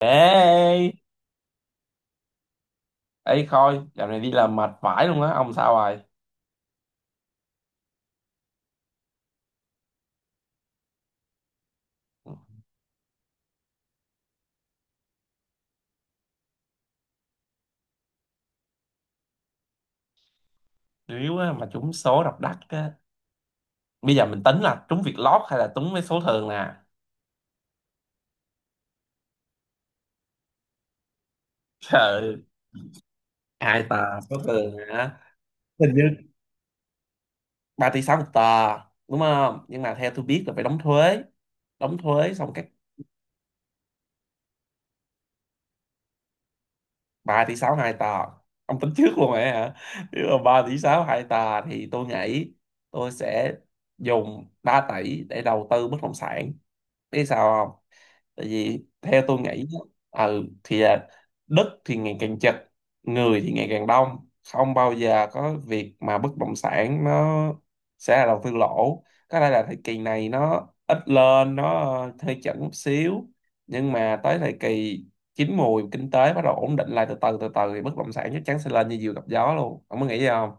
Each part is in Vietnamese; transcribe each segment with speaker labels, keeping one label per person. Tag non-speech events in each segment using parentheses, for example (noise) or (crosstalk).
Speaker 1: Ê, ê, Khôi, dạo này đi làm mệt vãi luôn á, ông sao rồi? Điếu á, mà trúng số độc đắc á. Bây giờ mình tính là trúng việc lót hay là trúng mấy số thường nè? Trời, hai tờ số thường hả? Hình như 3 tỷ 6 một tờ, đúng không? Nhưng mà theo tôi biết là phải đóng thuế. Đóng thuế xong các 3 tỷ 6 hai tờ. Ông tính trước luôn rồi hả? Nếu mà 3 tỷ 6 hai tờ thì tôi nghĩ tôi sẽ dùng 3 tỷ để đầu tư bất động sản. Biết sao không? Tại vì theo tôi nghĩ á, thì là đất thì ngày càng chật, người thì ngày càng đông, không bao giờ có việc mà bất động sản nó sẽ là đầu tư lỗ. Có lẽ là thời kỳ này nó ít lên, nó hơi chậm một xíu, nhưng mà tới thời kỳ chín mùi kinh tế bắt đầu ổn định lại từ từ thì bất động sản chắc chắn sẽ lên như diều gặp gió luôn, ông có nghĩ gì không?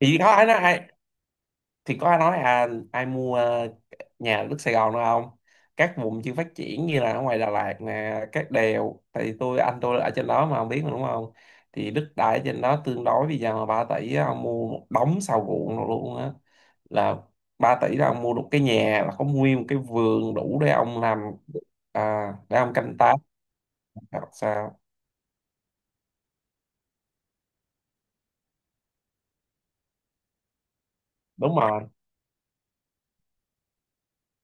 Speaker 1: Thì đó nói, thì có ai nói à, ai mua nhà ở đất Sài Gòn nữa không? Các vùng chưa phát triển như là ở ngoài Đà Lạt nè, các đèo, thì anh tôi ở trên đó mà không biết mà, đúng không? Thì đất đai ở trên đó tương đối, bây giờ mà 3 tỷ á, ông mua một đống sau ruộng rồi luôn á. Là 3 tỷ là ông mua được cái nhà, là có nguyên một cái vườn đủ để ông làm, để ông canh tác hoặc sao. Đúng rồi,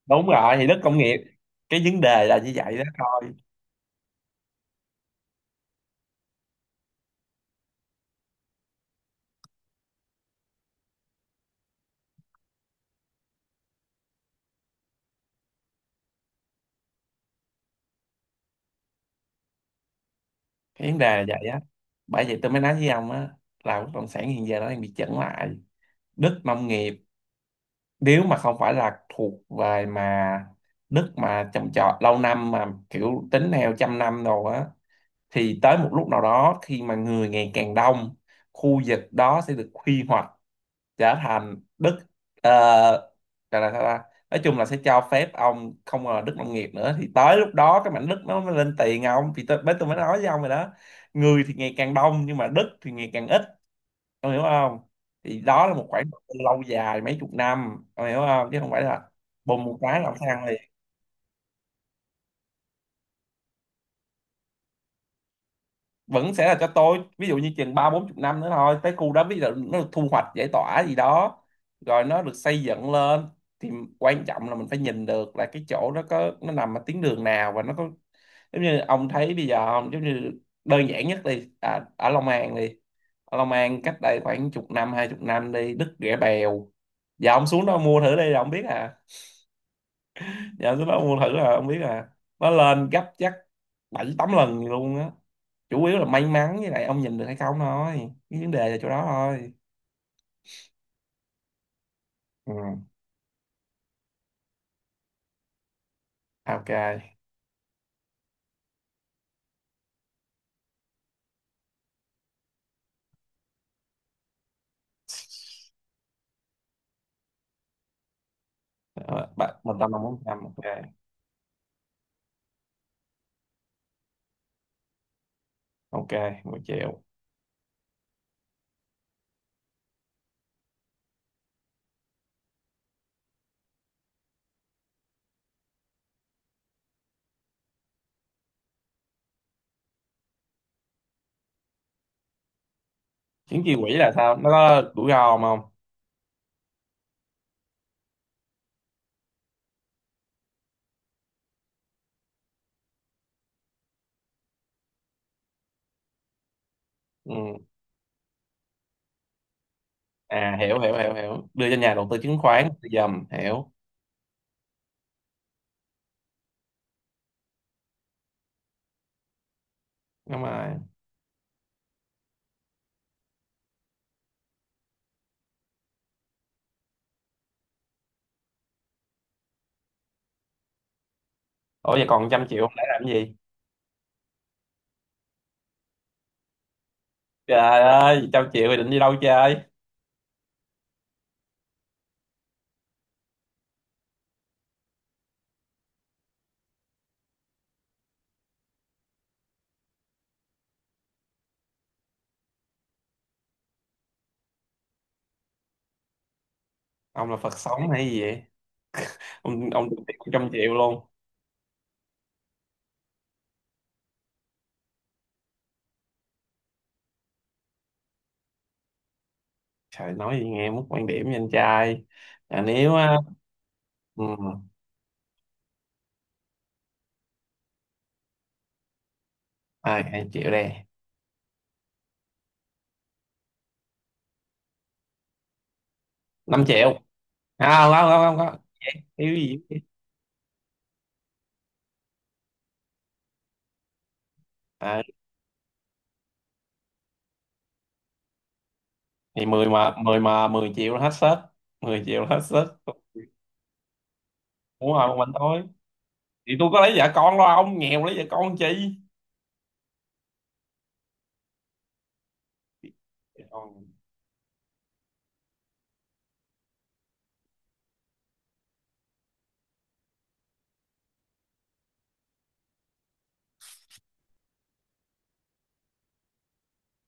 Speaker 1: đúng rồi, thì đất công nghiệp, cái vấn đề là như vậy đó thôi. Cái vấn đề là vậy á. Bởi vậy tôi mới nói với ông á, là bất động sản hiện giờ nó đang bị chững lại. Đất nông nghiệp nếu mà không phải là thuộc về mà đất mà trồng trọt lâu năm mà kiểu tính theo trăm năm rồi á, thì tới một lúc nào đó khi mà người ngày càng đông, khu vực đó sẽ được quy hoạch trở thành đất, ờ, gọi là sao ta, nói chung là sẽ cho phép ông không còn là đất nông nghiệp nữa, thì tới lúc đó cái mảnh đất nó mới lên tiền ông, thì tôi mới nói với ông rồi đó. Người thì ngày càng đông nhưng mà đất thì ngày càng ít, ông hiểu không? Thì đó là một khoảng đầu tư lâu dài mấy chục năm, ông hiểu không, chứ không phải là bùng một cái là ông sang liền. Vẫn sẽ là cho tôi, ví dụ như chừng ba bốn chục năm nữa thôi, tới khu đó ví dụ nó được thu hoạch giải tỏa gì đó rồi nó được xây dựng lên, thì quan trọng là mình phải nhìn được là cái chỗ nó có, nó nằm ở tuyến đường nào và nó có giống như ông thấy bây giờ không. Giống như đơn giản nhất đi, à, ở Long An đi. Ở Long An cách đây khoảng chục năm hai chục năm đi đứt Rẻ Bèo, giờ ông xuống đó mua thử đi là ông biết à, giờ ông xuống đó mua thử là ông biết à. Nó lên gấp chắc bảy tám lần luôn á. Chủ yếu là may mắn với lại ông nhìn được hay không thôi, cái vấn đề là chỗ đó thôi. Ừ. À, ok. Ờ, bạn một trăm năm bốn trăm, ok. Ok, một triệu. Chứng chỉ quỹ là sao, nó có rủi ro không không? Ừ. À, hiểu hiểu hiểu hiểu, đưa cho nhà đầu tư chứng khoán dầm, hiểu. Đúng rồi. Ủa vậy còn trăm triệu ông để làm cái gì? Trời ơi trăm triệu thì định đi đâu chơi? Ông là Phật sống hay gì vậy? Ông được tiền một trăm triệu luôn. Trời, nói gì nghe mất quan điểm với anh trai. À, nếu á, ừ, ai hai triệu đây. Năm triệu. Không không không không không. Thiếu gì. À, thì mười triệu là hết sét. Mười triệu là hết sét. Muốn không mình thôi. Thì tôi có lấy vợ con, lo ông nghèo lấy vợ con chi. Vợ con.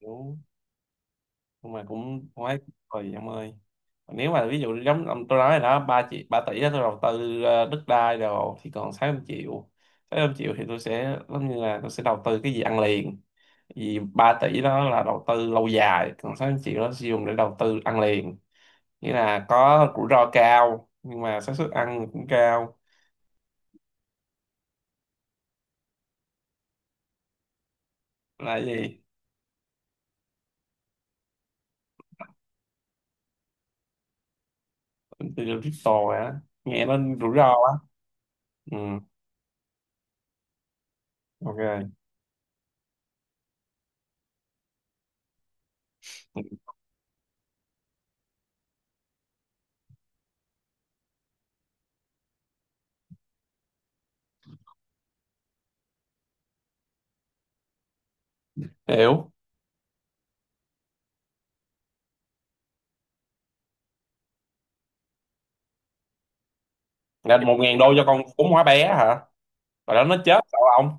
Speaker 1: Đúng, nhưng mà cũng quá. Rồi em ơi, nếu mà ví dụ tôi nói rồi đó, ba triệu ba tỷ đó tôi đầu tư đất đai rồi thì còn sáu trăm triệu. Sáu trăm triệu thì tôi sẽ giống như là tôi sẽ đầu tư cái gì ăn liền. Vì 3 tỷ đó là đầu tư lâu dài, còn 600 triệu đó sử dụng để đầu tư ăn liền, nghĩa là có rủi ro cao nhưng mà xác suất ăn cũng cao. Là cái gì? Từ crypto hả? Nghe nó rủi ro quá. Ừ, ok. Hiểu. Là một ngàn đô cho con cún hóa bé hả? Rồi đó nó chết sao ông.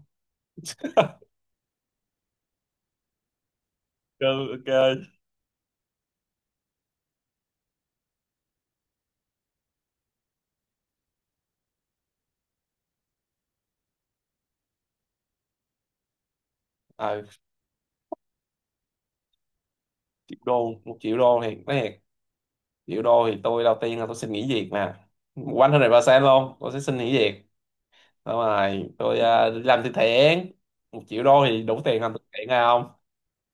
Speaker 1: Ok (laughs) ok. Ờ, triệu đô, một triệu đô thì nói thiệt, triệu đô thì tôi đầu tiên là tôi xin nghỉ việc mà, quanh hơn này ba sen luôn, tôi sẽ xin nghỉ việc. Xong rồi tôi đi làm từ thiện. Một triệu đô thì đủ tiền làm từ thiện hay không?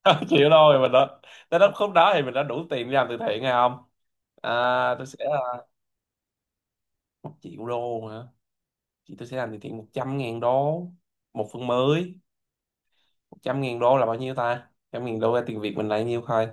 Speaker 1: (laughs) Chịu thôi. Mình đã tới lúc khúc đó thì mình đã đủ tiền để làm từ thiện hay không? à, tôi sẽ, một triệu đô hả, thì tôi sẽ làm từ thiện 100 ngàn đô. Một phần mới. Trăm ngàn đô là bao nhiêu ta? 100 ngàn đô ra tiền Việt mình là nhiêu thôi.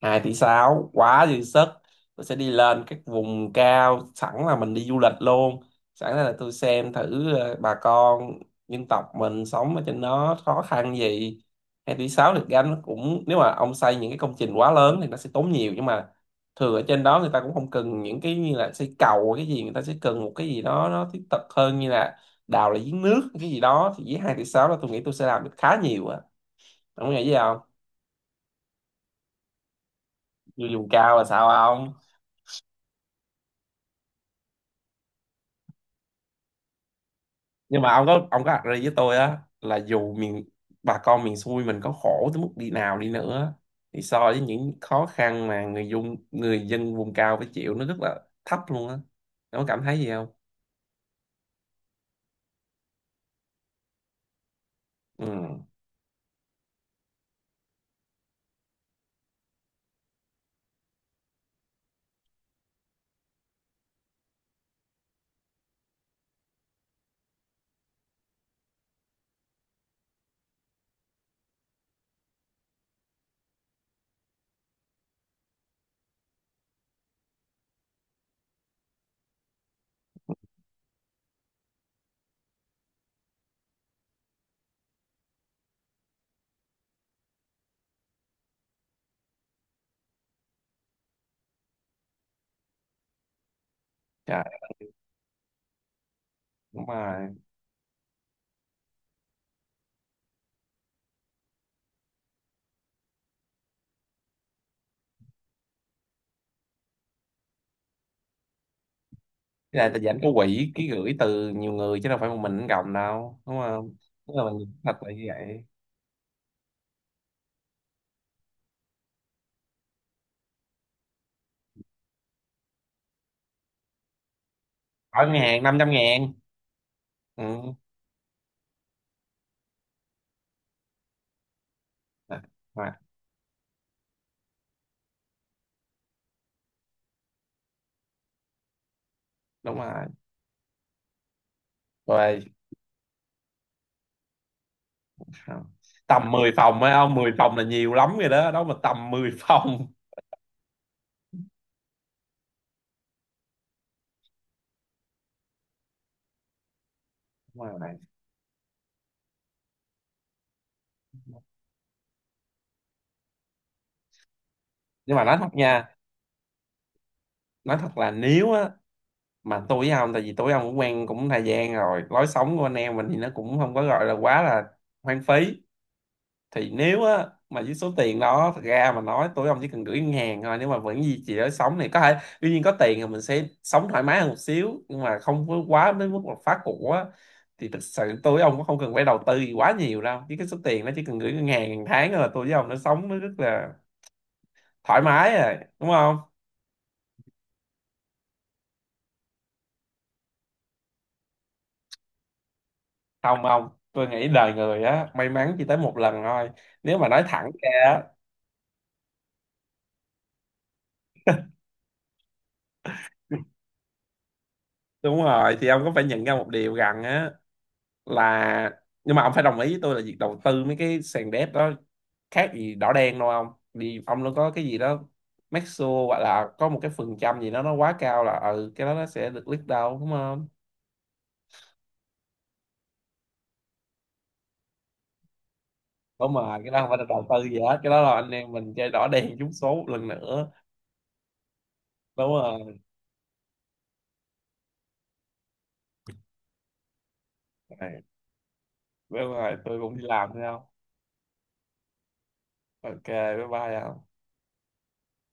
Speaker 1: Hai tỷ 6 quá dư sức. Tôi sẽ đi lên các vùng cao, sẵn là mình đi du lịch luôn, sẵn là tôi xem thử bà con dân tộc mình sống ở trên đó khó khăn gì. 2 tỷ 6 được gánh nó cũng, nếu mà ông xây những cái công trình quá lớn thì nó sẽ tốn nhiều, nhưng mà thường ở trên đó người ta cũng không cần những cái như là xây cầu hay cái gì, người ta sẽ cần một cái gì đó nó thiết thực hơn, như là đào lại giếng nước cái gì đó, thì với 2 tỷ 6 đó tôi nghĩ tôi sẽ làm được khá nhiều á. Ông nghĩ gì không? Người vùng cao là sao? Nhưng mà ông có đặt với tôi á, là dù miền, bà con miền xuôi mình có khổ tới mức đi nào đi nữa thì so với những khó khăn mà người dân vùng cao phải chịu nó rất là thấp luôn á. Nó cảm thấy gì không? Ừ. Trời. Đúng rồi. Cái này là dẫn có quỹ ký gửi từ nhiều người chứ đâu phải một mình nó gồng đâu, đúng không? Tức là mình thật là như vậy. Hỏi ngân hàng năm trăm ngàn. Ừ. À. À, đúng rồi. Rồi. À, tầm 10 phòng ấy ông. 10 phòng là nhiều lắm rồi đó. Đó mà tầm 10 phòng. Đúng rồi bạn. Nhưng mà nói thật nha, nói thật là nếu á, mà tôi với ông, tại vì tôi với ông cũng quen cũng thời gian rồi, lối sống của anh em mình thì nó cũng không có gọi là quá là hoang phí, thì nếu á mà với số tiền đó, thật ra mà nói tôi với ông chỉ cần gửi ngân hàng thôi, nếu mà vẫn duy trì lối sống này có thể, tuy nhiên có tiền thì mình sẽ sống thoải mái hơn một xíu nhưng mà không có quá đến mức là phá cục á. Thì thực sự tôi với ông cũng không cần phải đầu tư gì quá nhiều đâu, chứ cái số tiền nó chỉ cần gửi ngân hàng hàng tháng là tôi với ông nó sống nó rất là thoải mái rồi, đúng không? Không, không, tôi nghĩ đời người á may mắn chỉ tới một lần thôi, nếu mà nói thẳng ra á. Đúng rồi. Thì ông có phải nhận ra một điều rằng á, là nhưng mà ông phải đồng ý với tôi là việc đầu tư mấy cái sàn đép đó khác gì đỏ đen đâu không. Thì ông nó có cái gì đó make sure hoặc là có một cái phần trăm gì đó nó quá cao là ừ cái đó nó sẽ được lít đâu, đúng không? Đúng rồi, cái đó không phải là đầu tư gì hết, cái đó là anh em mình chơi đỏ đen trúng số một lần nữa. Đúng rồi. Đúng rồi, tôi cũng đi làm thấy không. Ok. Bye bye không.